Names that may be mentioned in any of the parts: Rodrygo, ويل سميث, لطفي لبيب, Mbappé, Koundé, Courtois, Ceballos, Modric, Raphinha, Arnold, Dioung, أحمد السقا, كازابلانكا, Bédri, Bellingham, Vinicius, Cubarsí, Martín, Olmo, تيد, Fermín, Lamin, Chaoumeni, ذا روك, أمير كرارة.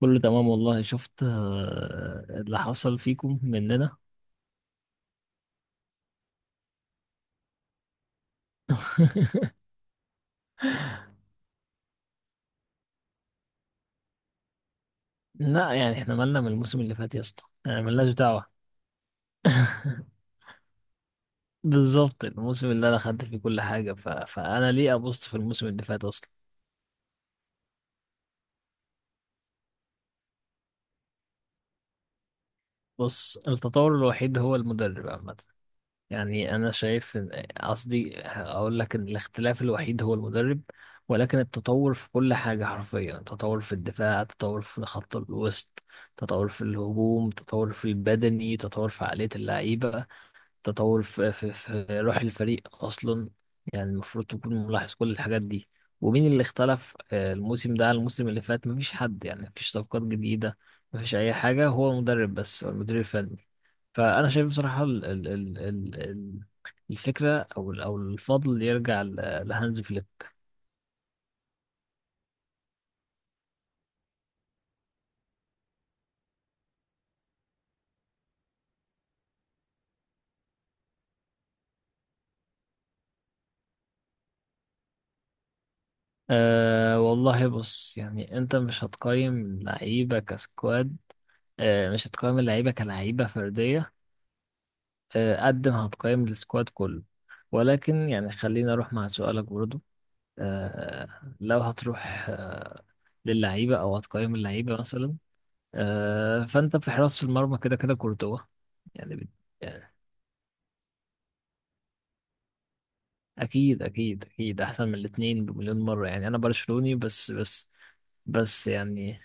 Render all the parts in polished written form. كله تمام والله. شفت اللي حصل فيكم مننا. لا، يعني احنا مالنا من الموسم اللي فات يا اسطى، يعني مالناش دعوة. بالظبط، الموسم اللي انا خدت فيه كل حاجة، فانا ليه ابص في الموسم اللي فات اصلا؟ بص، التطور الوحيد هو المدرب عامة، يعني انا شايف قصدي اقول لك ان الاختلاف الوحيد هو المدرب، ولكن التطور في كل حاجة. حرفيا تطور في الدفاع، تطور في خط الوسط، تطور في الهجوم، تطور في البدني، تطور في عقلية اللعيبة، تطور في روح الفريق اصلا. يعني المفروض تكون ملاحظ كل الحاجات دي. ومين اللي اختلف الموسم ده عن الموسم اللي فات؟ مفيش حد، يعني مفيش صفقات جديدة، مفيش اي حاجة، هو المدرب بس، هو المدير الفني. فانا شايف بصراحه الفكره او الفضل يرجع لهانز فليك. أه والله، بص، يعني انت مش هتقيم لعيبه كسكواد، أه مش هتقيم اللعيبه كلعيبه فرديه، أه قد ما هتقيم السكواد كله. ولكن يعني خليني اروح مع سؤالك برضو. أه لو هتروح للعيبه او هتقيم اللعيبه مثلا، أه فانت في حراسه المرمى كده كده كورتوا، يعني. اكيد اكيد اكيد احسن من الاثنين بمليون مره، يعني انا برشلوني، بس يعني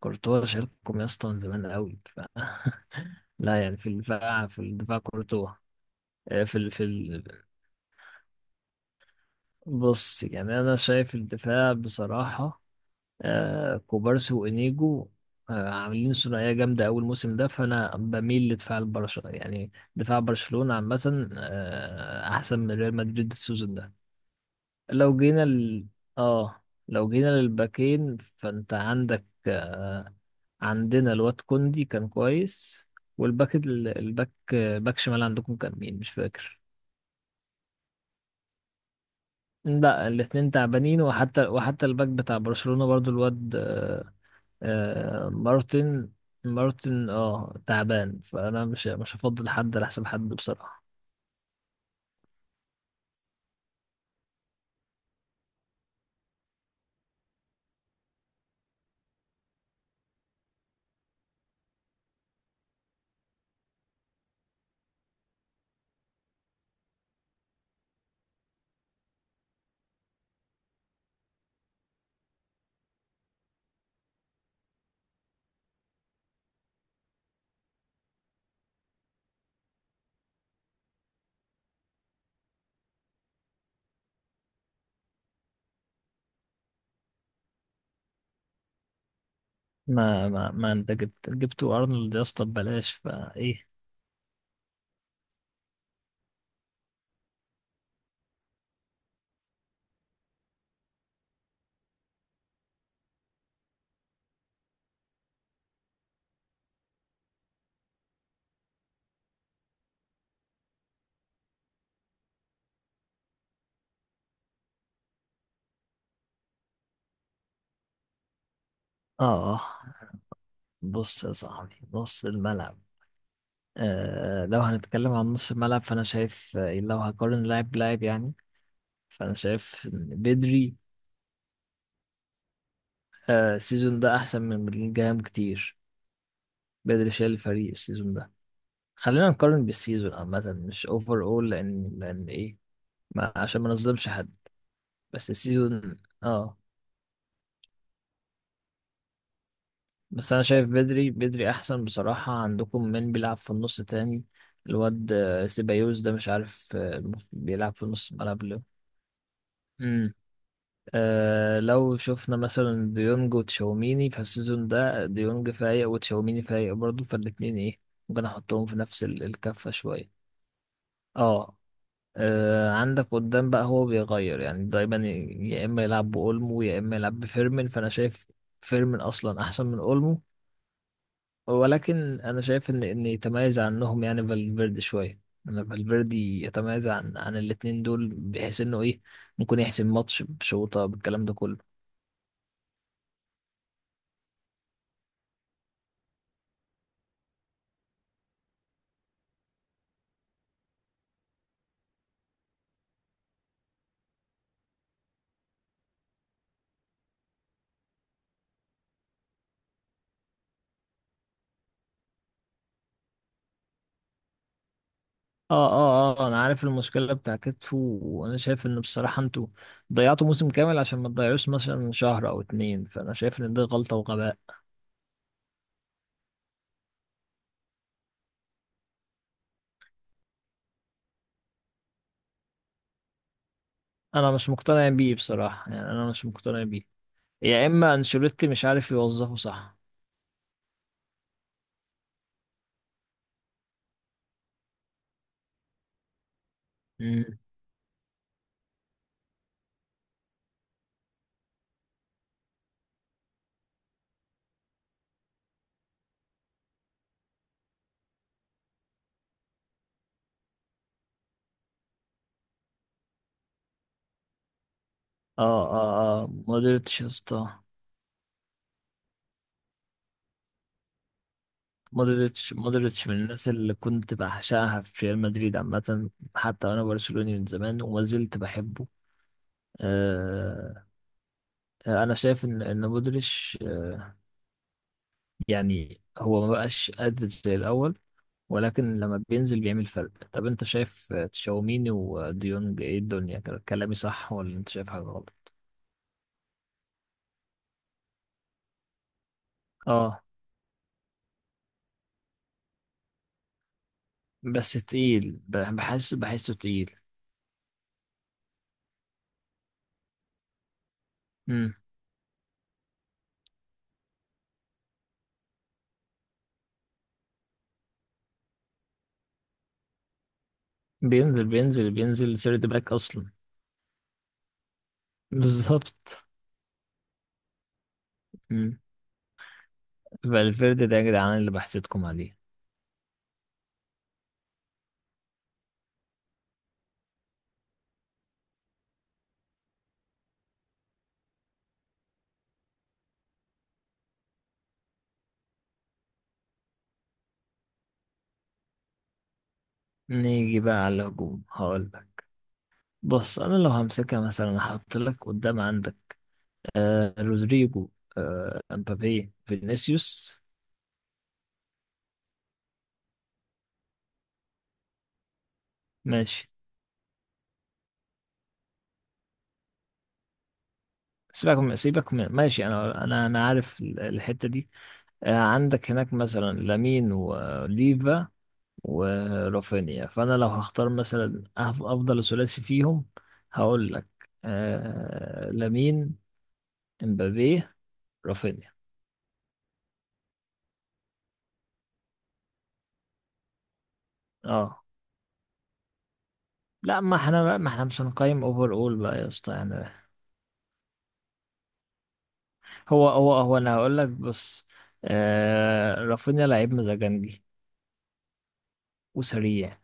كورتوا شارككم يا اسطى من زمان قوي لا، يعني في الدفاع كورتوا. آه، بص، يعني انا شايف الدفاع بصراحه كوبارسي وانيجو عاملين ثنائيه جامده اول موسم ده، فانا بميل لدفاع البرشا، يعني دفاع برشلونه عامه احسن من ريال مدريد السيزون ده. لو جينا ال... اه، لو جينا للباكين فانت عندك عندنا الواد كوندي كان كويس. الباك باك شمال عندكم كان مين؟ مش فاكر. لا، الاتنين تعبانين، وحتى الباك بتاع برشلونة برضو الواد آه، آه مارتن. مارتن تعبان، فانا مش هفضل حد على حساب حد بصراحة. ما انت جبتوا ارنولد يا اسطى ببلاش فايه. اه، بص يا صاحبي، نص الملعب. آه، لو هنتكلم عن نص الملعب فأنا شايف، آه، لو هقارن لاعب بلاعب يعني، فأنا شايف إن بدري آه، السيزون ده أحسن من بلينجهام كتير. بدري شايل الفريق السيزون ده. خلينا نقارن بالسيزون عامة، مش أوفر أول، لأن إيه، ما عشان ما نظلمش حد. بس السيزون، آه، بس أنا شايف بدري، بدري أحسن بصراحة عندكم من بيلعب في النص تاني. الواد آه، سيبايوس ده مش عارف آه، بيلعب في نص الملعب ليه. آه لو شفنا مثلا ديونج وتشاوميني فالسيزون ده، ديونج فايق وتشاوميني فايق برضه، فالاتنين ايه، ممكن احطهم في نفس الكفة شوية. اه، آه، عندك قدام بقى، هو بيغير يعني دايما، يا اما يلعب بأولمو يا اما يلعب بفيرمين. فانا شايف فيرمين اصلا احسن من أولمو، ولكن انا شايف ان يتميز عنهم يعني فالفيردي شوية. انا فالفيردي يتميز عن الاتنين دول، بحيث انه ايه، ممكن يحسم ماتش بشوطة بالكلام ده كله. اه اه اه، انا عارف المشكله بتاع كتفه، وانا شايف ان بصراحه انتوا ضيعتوا موسم كامل عشان ما تضيعوش مثلا شهر او اتنين، فانا شايف ان دي غلطه وغباء. انا مش مقتنع بيه بصراحه، يعني انا مش مقتنع بيه، يا اما انشيلوتي مش عارف يوظفه صح. امم اه اه اه، مودريتش يا اسطى. مودريتش مودريتش من الناس اللي كنت بعشقها في ريال مدريد عامه، حتى وانا برشلوني من زمان وما زلت بحبه. آه، آه، انا شايف ان مودريتش آه، يعني هو ما بقاش قادر زي الأول، ولكن لما بينزل بيعمل فرق. طب أنت شايف تشاوميني وديونج إيه الدنيا كده؟ كلامي صح ولا أنت شايف حاجة غلط؟ آه، بس تقيل، بحسه تقيل. مم. بينزل بينزل بينزل سيرد باك أصلا. بالظبط. مم. فالفيردي ده يا جدعان اللي بحسدكم عليه. نيجي بقى على الهجوم، هقول لك. بص، أنا لو همسكها مثلا هحط لك قدام عندك آه، رودريجو، آه، امبابي، فينيسيوس. ماشي. سيبك من ماشي، انا انا عارف الحته دي. آه، عندك هناك مثلا لامين وليفا ورافينيا، فانا لو هختار مثلا افضل ثلاثي فيهم، هقول لك آه، لامين، امبابي، رافينيا. اه. لا، ما احنا بقى، ما احنا مش هنقيم اوفر اول بقى يا اسطى، يعني. هو انا هقول لك، بص، آه رافينيا لعيب مزاجنجي وسريع،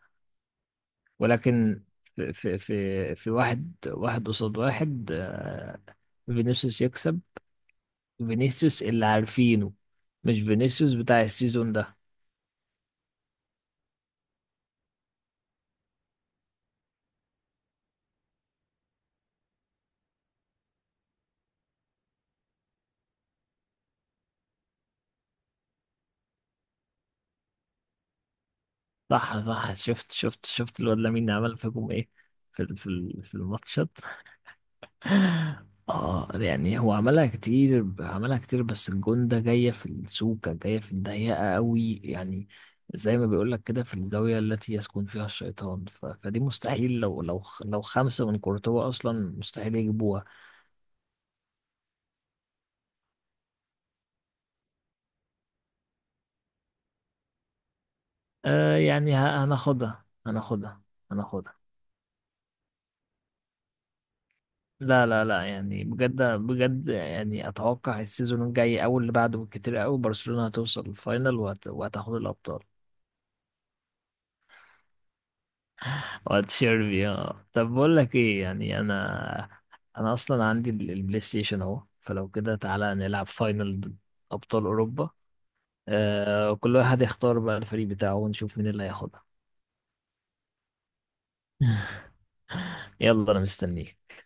ولكن في واحد واحد قصاد واحد، آه، فينيسيوس يكسب، فينيسيوس اللي عارفينه، مش فينيسيوس بتاع السيزون ده. صح صح، شفت شفت شفت الواد لامين عمل فيكم ايه في الماتش؟ اه، يعني هو عملها كتير، عملها كتير، بس الجون ده جاية في السوكة، جاية في الضيقة قوي يعني، زي ما بيقولك كده في الزاوية التي يسكن فيها الشيطان، فدي مستحيل، لو خمسة من كورتوا أصلا مستحيل يجيبوها. آه يعني هناخدها هناخدها هناخدها. لا لا لا، يعني بجد بجد، يعني أتوقع السيزون الجاي أو اللي بعده بالكتير قوي برشلونة هتوصل الفاينل وهتاخد الأبطال. واتشير بيها، طب بقول لك ايه، يعني انا اصلا عندي البلاي ستيشن اهو، فلو كده تعالى نلعب فاينل ضد ابطال اوروبا. آه، كل واحد يختار بقى الفريق بتاعه ونشوف مين اللي هياخدها. يلا، انا مستنيك.